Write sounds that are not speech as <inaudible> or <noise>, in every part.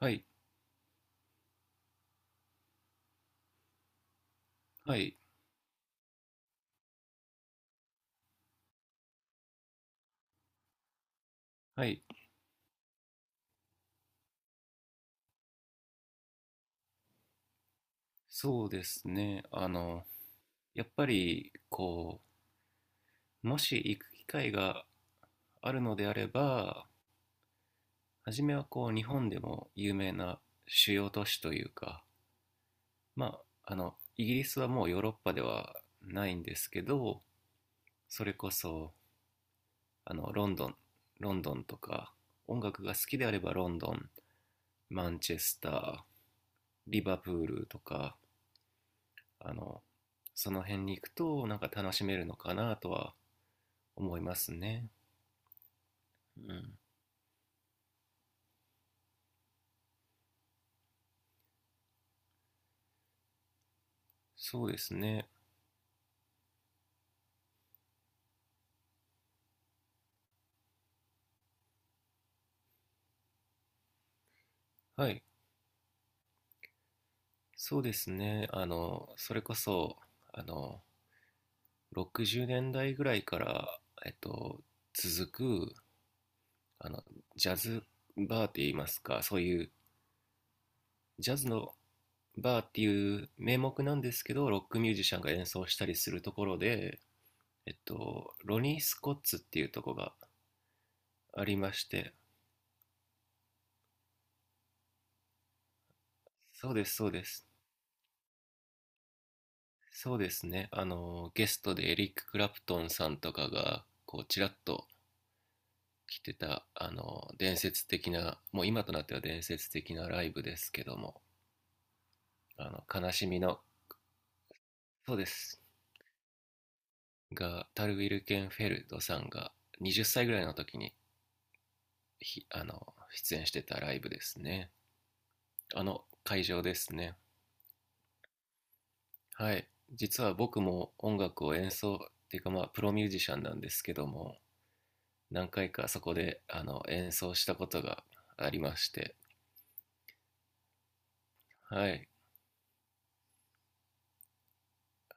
はい、はい、はい。そうですね。やっぱり、もし行く機会があるのであれば、初めは日本でも有名な主要都市というか、まあ、イギリスはもうヨーロッパではないんですけど、それこそ、あの、ロンドン、ロンドンとか、音楽が好きであればロンドン、マンチェスター、リバプールとか、あの、その辺に行くと、なんか楽しめるのかなとは思いますね。うん。そうですね。はい。そうですね。それこそ、あの、60年代ぐらいから、えっと、続く、あの、ジャズバーって言いますか、そういうジャズのバーっていう名目なんですけど、ロックミュージシャンが演奏したりするところで、ロニー・スコッツっていうところがありまして、そうです、そうです。そうですね。ゲストでエリック・クラプトンさんとかが、ちらっと来てた、伝説的な、もう今となっては伝説的なライブですけども、悲しみの、そうです、が、タル・ウィルケンフェルドさんが20歳ぐらいの時に、ひあの、出演してたライブですね。会場ですね。はい。実は僕も音楽を演奏、っていうかまあ、プロミュージシャンなんですけども、何回かそこで演奏したことがありまして、はい、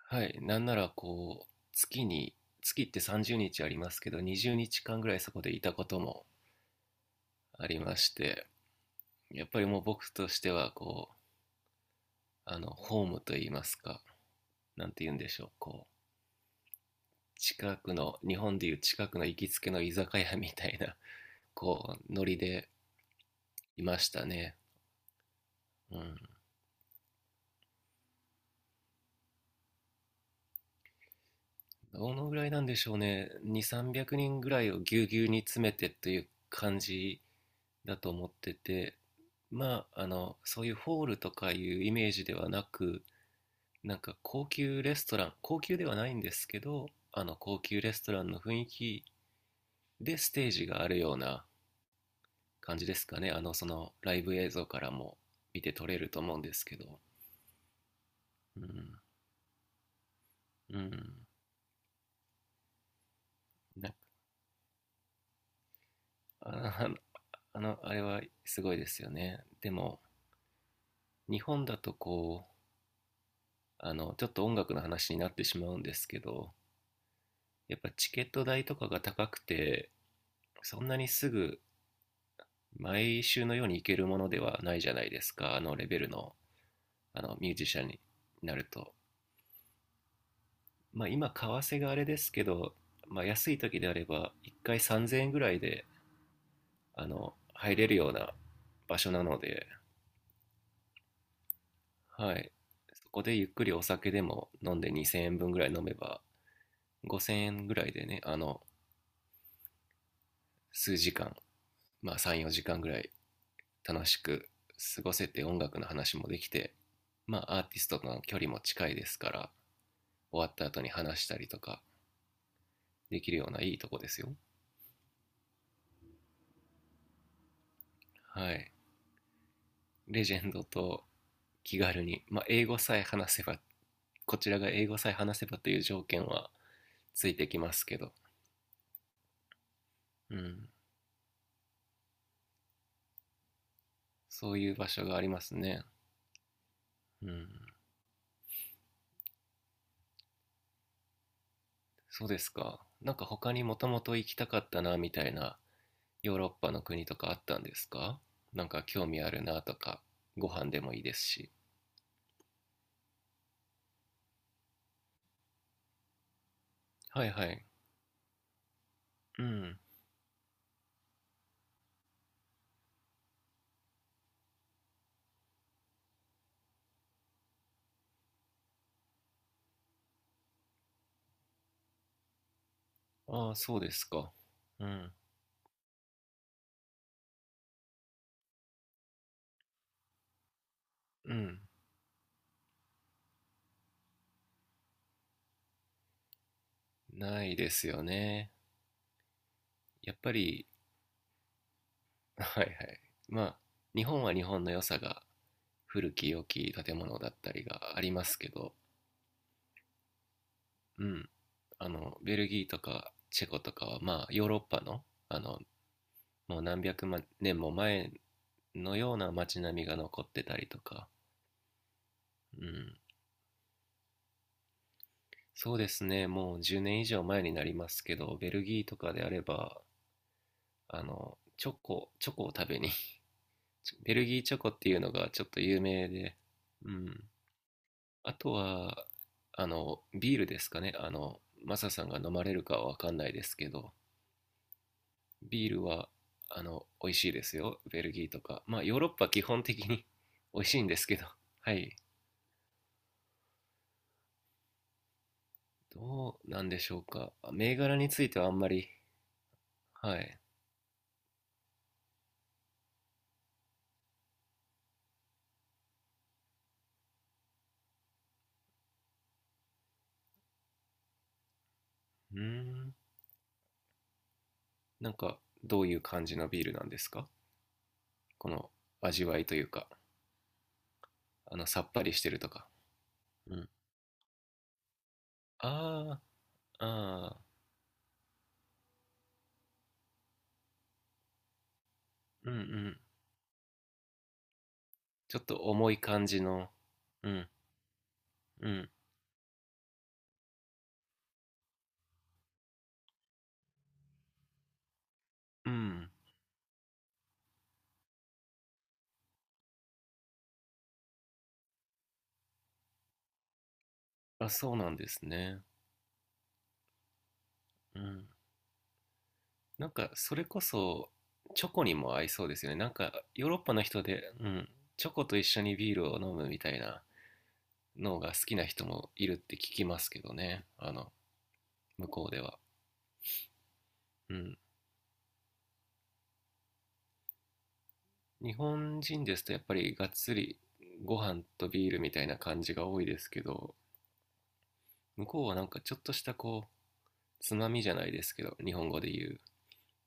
はい、なんなら月って30日ありますけど、20日間ぐらいそこでいたこともありまして、やっぱりもう僕としては、ホームといいますか、なんて言うんでしょう、近くの、日本でいう近くの行きつけの居酒屋みたいな、ノリでいましたね。うん。どのぐらいなんでしょうね。2、300人ぐらいをぎゅうぎゅうに詰めてという感じだと思ってて、まあ、そういうホールとかいうイメージではなく、なんか高級レストラン、高級ではないんですけど、高級レストランの雰囲気でステージがあるような感じですかね。そのライブ映像からも見て取れると思うんですけど。うん、うん。なんかあの、あれはすごいですよね。でも、日本だとちょっと音楽の話になってしまうんですけど、やっぱチケット代とかが高くて、そんなにすぐ毎週のように行けるものではないじゃないですか、あのレベルのあのミュージシャンになると。まあ今為替があれですけど、まあ、安い時であれば1回3000円ぐらいで入れるような場所なので、はい、そこでゆっくりお酒でも飲んで2000円分ぐらい飲めば5000円ぐらいでね、数時間、まあ34時間ぐらい楽しく過ごせて、音楽の話もできて、まあ、アーティストとの距離も近いですから、終わった後に話したりとかできるようないいとこですよ。はい、レジェンドと気軽に、まあ、英語さえ話せば、こちらが英語さえ話せばという条件はついてきますけど、うん、そういう場所がありますね。うん。そうですか。なんか他にもともと行きたかったなみたいな、ヨーロッパの国とかあったんですか？なんか興味あるなとか、ご飯でもいいですし。はいはい。うん。ああ、そうですか。うん。うん。ないですよね。やっぱり、<laughs> はいはい。まあ、日本は日本の良さが、古き良き建物だったりがありますけど、うん。ベルギーとかチェコとかは、まあ、ヨーロッパの、もう何百万年も前のような街並みが残ってたりとか、うん、そうですね、もう10年以上前になりますけど、ベルギーとかであれば、チョコを食べに <laughs> ベルギーチョコっていうのがちょっと有名で、うん。あとは、ビールですかね。マサさんが飲まれるかはわかんないですけど、ビールは、美味しいですよ、ベルギーとか。まあ、ヨーロッパ基本的に <laughs> 美味しいんですけど、<laughs> はい。どうなんでしょうか。銘柄についてはあんまり、はい。うーん。なんかどういう感じのビールなんですか、この味わいというか、さっぱりしてるとか。うん。ああ、ああ、うんうん。ちょっと重い感じの、うん、うん、うん。あ、そうなんですね。うん。なんかそれこそチョコにも合いそうですよね。なんかヨーロッパの人で、うん、チョコと一緒にビールを飲むみたいなのが好きな人もいるって聞きますけどね。向こうでは。うん。日本人ですとやっぱりがっつりご飯とビールみたいな感じが多いですけど、向こうはなんかちょっとしたつまみじゃないですけど、日本語で言う、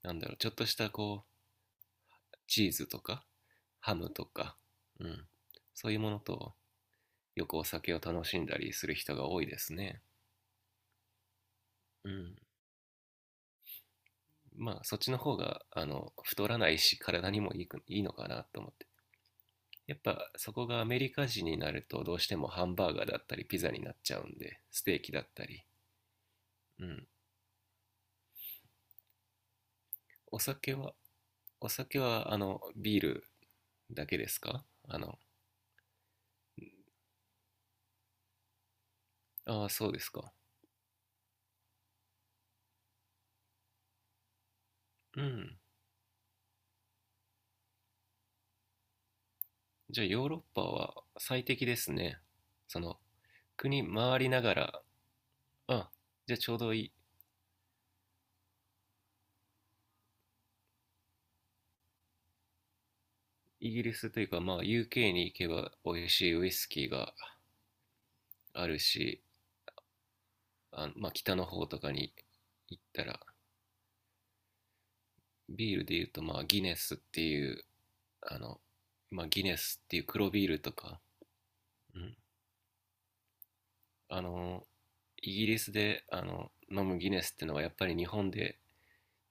なんだろう、ちょっとしたチーズとか、ハムとか、うん、そういうものと、よくお酒を楽しんだりする人が多いですね。うん。まあ、そっちの方が、太らないし、体にもいいいいのかなと思って。やっぱ、そこがアメリカ人になると、どうしてもハンバーガーだったり、ピザになっちゃうんで、ステーキだったり、うん。お酒は、お酒は、ビールだけですか？ああ、そうですか。うん。じゃあ、ヨーロッパは最適ですね。その、国回りながら、あ、じゃあちょうどいい。イギリスというか、まあ、UK に行けば美味しいウイスキーがあるし、まあ、北の方とかに行ったら、ビールで言うと、まあ、あの、ギネスっていう黒ビールとか、うん、あのイギリスで飲むギネスってのはやっぱり日本で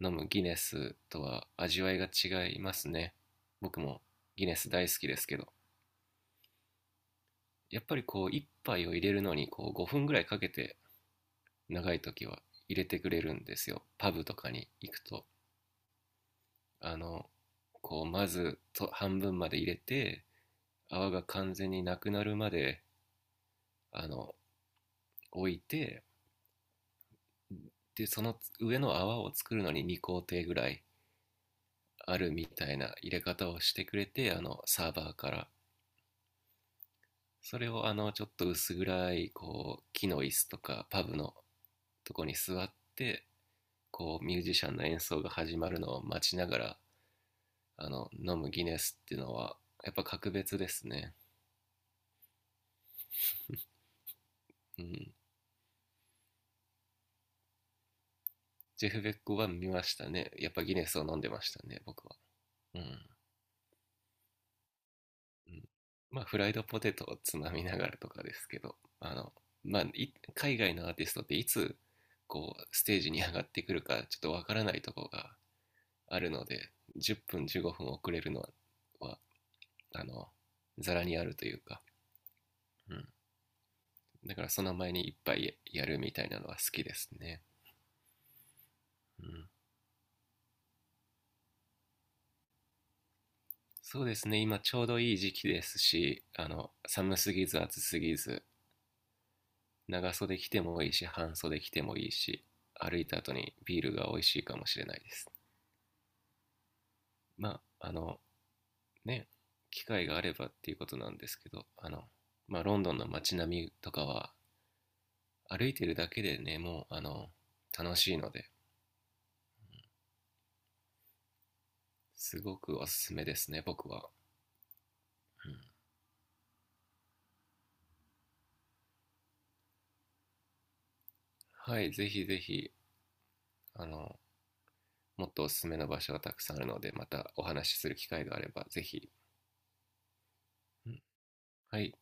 飲むギネスとは味わいが違いますね。僕もギネス大好きですけど、やっぱり一杯を入れるのに5分ぐらいかけて、長い時は入れてくれるんですよ、パブとかに行くと。あのまずと半分まで入れて、泡が完全になくなるまであの置いて、でその上の泡を作るのに2工程ぐらいあるみたいな入れ方をしてくれて、サーバーから。それをちょっと薄暗い、木の椅子とか、パブのとこに座って、ミュージシャンの演奏が始まるのを待ちながら、飲むギネスっていうのは、やっぱ格別ですね。うん。ジェフ・ベックは見ましたね。やっぱギネスを飲んでましたね、僕は。うん。うん、まあ、フライドポテトをつまみながらとかですけど、まあ、海外のアーティストっていつ、ステージに上がってくるか、ちょっとわからないところがあるので、10分、15分遅れるのは、あの、ざらにあるというか、うん。だからその前にいっぱいやるみたいなのは好きですね。うん。そうですね、今ちょうどいい時期ですし、寒すぎず暑すぎず、長袖着てもいいし半袖着てもいいし、歩いた後にビールが美味しいかもしれないです。まあね、機会があればっていうことなんですけど、まあ、ロンドンの街並みとかは歩いてるだけでね、もう楽しいので、すごくおすすめですね、僕は。うん、はい、ぜひぜひ。あのもっとおすすめの場所がたくさんあるので、またお話しする機会があればぜひ、うん、はい